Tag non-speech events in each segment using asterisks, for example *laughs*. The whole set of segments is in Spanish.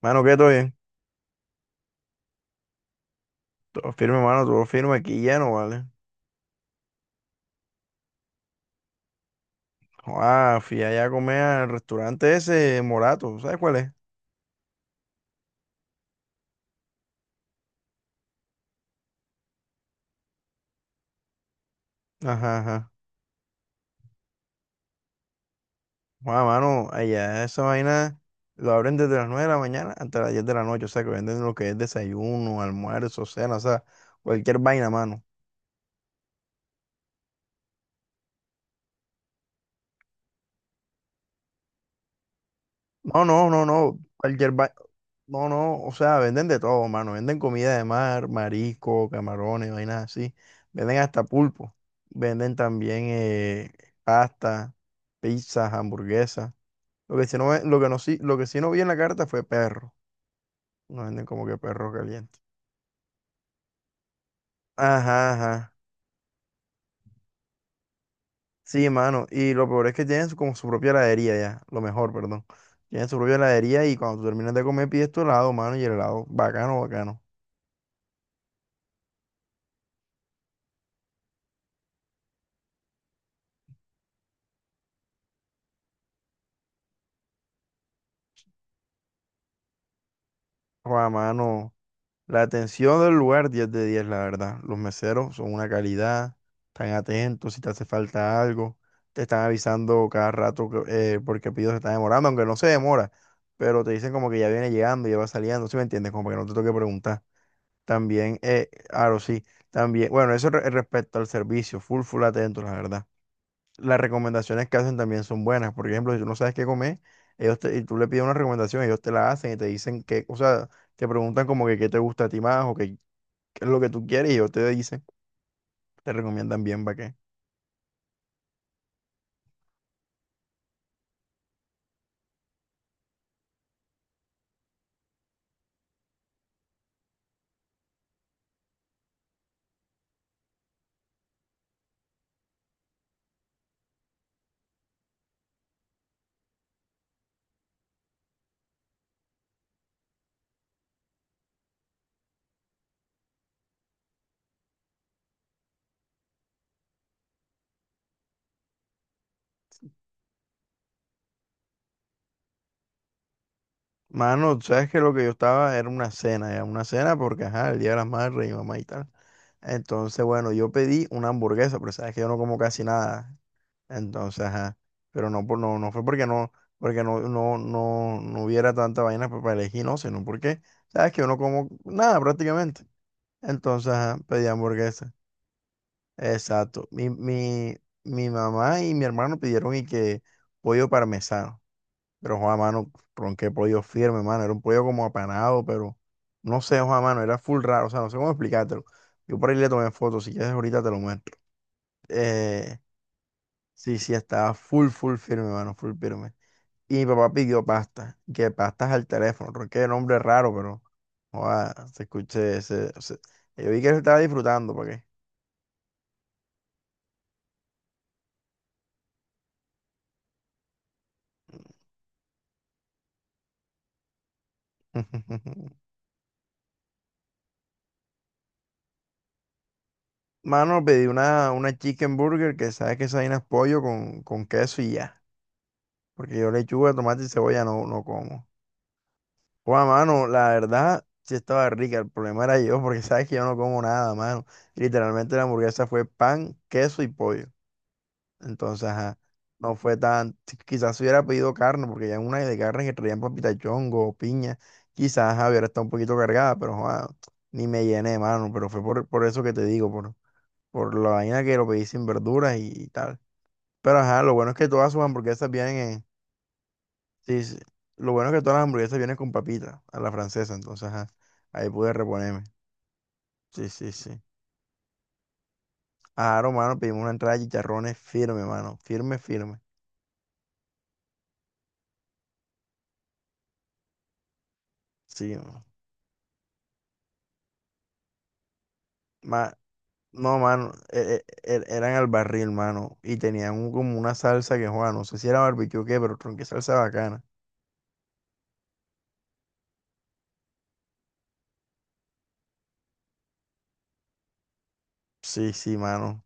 Mano, ¿qué? ¿Todo bien? Todo firme, mano, todo firme aquí lleno, ¿vale? Ah, fui allá a comer al restaurante ese, Morato, ¿sabes cuál es? Ajá, ajá. Joa, mano, allá esa vaina lo abren desde las 9 de la mañana hasta las 10 de la noche, o sea, que venden lo que es desayuno, almuerzo, cena, o sea, cualquier vaina, mano. No, no, no, no, cualquier vaina, no, no, o sea, venden de todo, mano, venden comida de mar, marisco, camarones, vainas así, venden hasta pulpo, venden también pasta, pizzas, hamburguesas. Lo que sí no, lo que no, lo que sí no vi en la carta fue perro. Nos venden como que perro caliente. Ajá, ajá. Sí, mano. Y lo peor es que tienen como su propia heladería ya. Lo mejor, perdón. Tienen su propia heladería y cuando tú terminas de comer pides tu helado, mano. Y el helado, bacano, bacano. Juan, mano. La atención del lugar, 10 de 10 la verdad. Los meseros son una calidad, están atentos si te hace falta algo, te están avisando cada rato porque el pedido se está demorando, aunque no se demora, pero te dicen como que ya viene llegando, ya va saliendo, ¿sí me entiendes? Como para que no te toque preguntar. También, claro, sí, también, bueno, eso respecto al servicio, full, full atentos, la verdad. Las recomendaciones que hacen también son buenas, por ejemplo, si tú no sabes qué comer, y tú le pides una recomendación, ellos te la hacen y te dicen que, o sea, te preguntan como que qué te gusta a ti más o qué es lo que tú quieres y yo te dice te recomiendan bien para qué. Mano, tú sabes que lo que yo estaba era una cena, ya una cena porque, ajá, el Día de las Madres y mamá y tal. Entonces, bueno, yo pedí una hamburguesa, pero sabes que yo no como casi nada. Entonces, ajá, pero no, no, no fue porque no, no hubiera tanta vaina para elegir, no, sino porque, sabes que yo no como nada prácticamente. Entonces, ajá, pedí hamburguesa. Exacto. Mi mamá y mi hermano pidieron y que pollo parmesano. Pero, Juan, mano, ron, qué pollo firme, mano. Era un pollo como apanado, pero no sé, Juan, mano, era full raro. O sea, no sé cómo explicártelo. Yo por ahí le tomé fotos. Si quieres, ahorita te lo muestro. Eh, sí, sí, estaba full, full firme, mano, full firme. Y mi papá pidió pasta, que pastas al teléfono. Ronqué nombre raro, pero, Juan, se escuché. Yo vi que él estaba disfrutando, ¿para qué? *laughs* Mano, pedí una chicken burger que sabes que esa vaina es pollo con queso y ya. Porque yo lechuga, tomate y cebolla no, no como. Juan, mano, la verdad sí estaba rica. El problema era yo, porque sabes que yo no como nada, mano. Literalmente la hamburguesa fue pan, queso y pollo. Entonces, ajá, no fue tan. Quizás si hubiera pedido carne, porque ya en una de carne que traían papita chongo o piña, quizás ajá, hubiera estado un poquito cargada, pero Juan, ni me llené, mano. Pero fue por eso que te digo, por la vaina que lo pedí sin verduras y tal. Pero ajá, lo bueno es que todas sus hamburguesas vienen. Sí, sí. Lo bueno es que todas las hamburguesas vienen con papita, a la francesa, entonces ajá, ahí pude reponerme. Sí, sí, sí. Ah, hermano, pedimos una entrada de chicharrones firme, mano. Firme, firme. Sí, mano. Ma- no, mano, eran al barril, mano. Y tenían como una salsa que, Juan, no sé si era barbecue o qué, pero tronqué salsa bacana. Sí, sí, mano.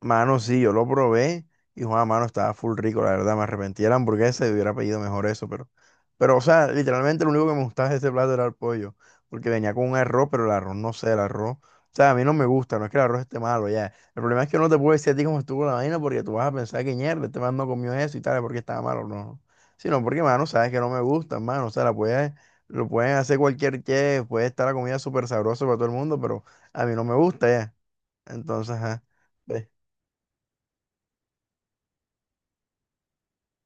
Mano, sí, yo lo probé y Juan, mano, estaba full rico, la verdad, me arrepentí de la hamburguesa y hubiera pedido mejor eso, pero, o sea, literalmente lo único que me gustaba de ese plato era el pollo, porque venía con un arroz, pero el arroz, no sé, el arroz, o sea, a mí no me gusta, no es que el arroz esté malo, ya, el problema es que yo no te puedo decir a ti cómo estuvo la vaina, porque tú vas a pensar que mierda, este man no comió eso y tal, porque estaba malo, no, sino porque, mano, sabes que no me gusta, mano, o sea, la puedes, lo pueden hacer cualquier que, puede estar la comida súper sabrosa para todo el mundo, pero a mí no me gusta, ya, entonces, ajá.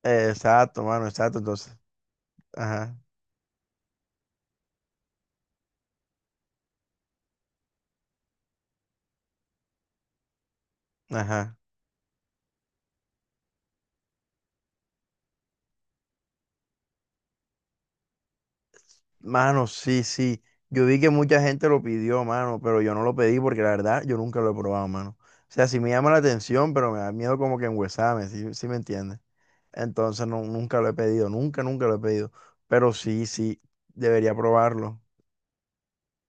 Exacto, mano, exacto. Entonces, ajá, ajá. Mano, sí, sí. Yo vi que mucha gente lo pidió, mano, pero yo no lo pedí porque la verdad yo nunca lo he probado, mano. O sea, sí me llama la atención, pero me da miedo como que enguesarme, ¿sí, sí me entiendes? Entonces no, nunca lo he pedido, nunca lo he pedido. Pero sí, sí, debería probarlo.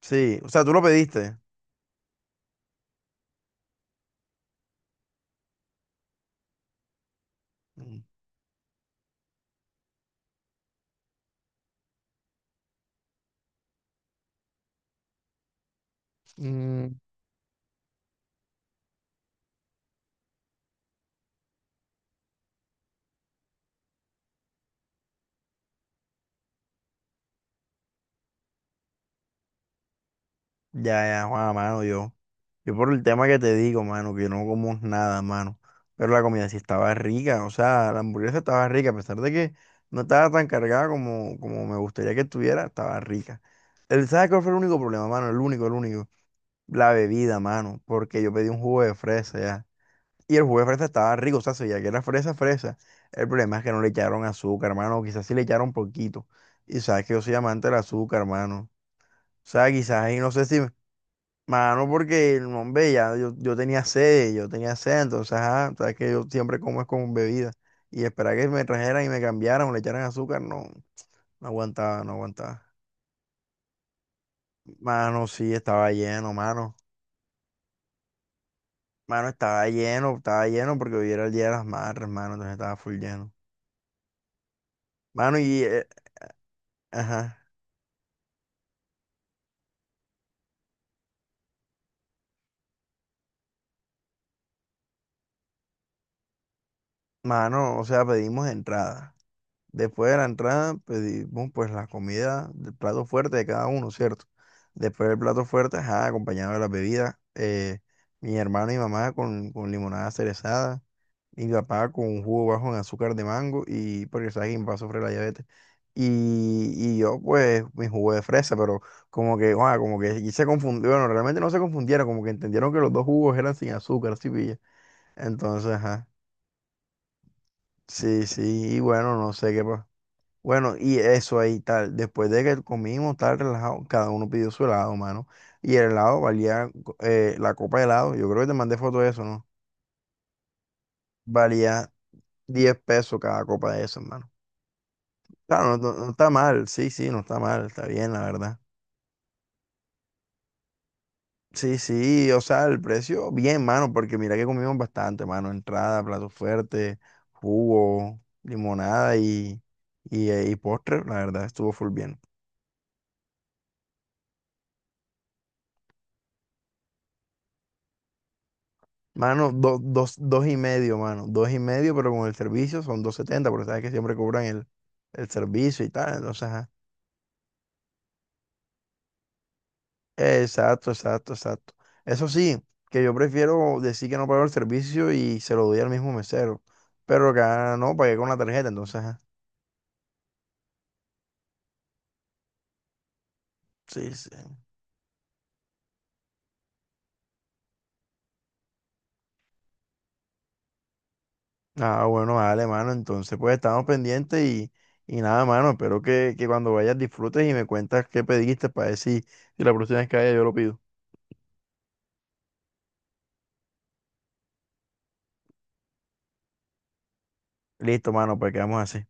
Sí, o sea, tú lo pediste. Mm. Mm, ya, ya, Juan, mano, yo. Yo por el tema que te digo, mano, que no como nada, mano. Pero la comida sí estaba rica, o sea, la hamburguesa estaba rica, a pesar de que no estaba tan cargada como, como me gustaría que estuviera, estaba rica. El, ¿sabes cuál fue el único problema, mano? El único, el único. La bebida, mano, porque yo pedí un jugo de fresa ya. Y el jugo de fresa estaba rico, o sea, se veía que era fresa, fresa. El problema es que no le echaron azúcar, mano, o quizás sí le echaron poquito. Y sabes que yo soy amante del azúcar, mano. O sea, quizás ahí no sé si, mano, porque el hombre ya, yo tenía sed, entonces, ajá, sabes que yo siempre como es con bebida. Y esperar que me trajeran y me cambiaran o le echaran azúcar, no, no aguantaba, no aguantaba. Mano, sí, estaba lleno, mano. Mano, estaba lleno porque hoy era el Día de las Madres, mano, entonces estaba full lleno. Mano, y, ajá, mano, o sea, pedimos entrada. Después de la entrada pedimos pues la comida del plato fuerte de cada uno, ¿cierto? Después del plato fuerte, ajá, acompañado de las bebidas, mi hermano y mamá con limonada cerezada, mi papá con un jugo bajo en azúcar de mango y porque sabes que mi papá sufre la diabetes. Y yo pues mi jugo de fresa, pero como que, guau, como que y se confundió, bueno, realmente no se confundieron, como que entendieron que los dos jugos eran sin azúcar, sí, pilla. Entonces, ajá, sí, sí, y bueno, no sé qué pasó. Bueno, y eso ahí tal, después de que comimos tal relajado, cada uno pidió su helado, mano. Y el helado valía, la copa de helado, yo creo que te mandé foto de eso, ¿no? Valía 10 pesos cada copa de eso, hermano. Claro, no, no está mal, sí, sí, no está mal, está bien, la verdad. Sí, sí, o sea, el precio, bien, mano, porque mira que comimos bastante, mano. Entrada, plato fuerte, jugo, limonada y postre, la verdad, estuvo full bien. Mano, dos, dos y medio, mano. Dos y medio, pero con el servicio son 270, porque sabes que siempre cobran el servicio y tal. Entonces, ajá. Exacto, exacto, exacto. Eso sí, que yo prefiero decir que no pago el servicio y se lo doy al mismo mesero. Pero acá no, pagué con la tarjeta, entonces, ajá. Sí, sí. Ah, bueno, vale, mano. Entonces, pues estamos pendientes y nada, mano. Espero que cuando vayas disfrutes y me cuentas qué pediste para decir si si la próxima vez que vaya yo lo pido. Listo, mano, pues quedamos así.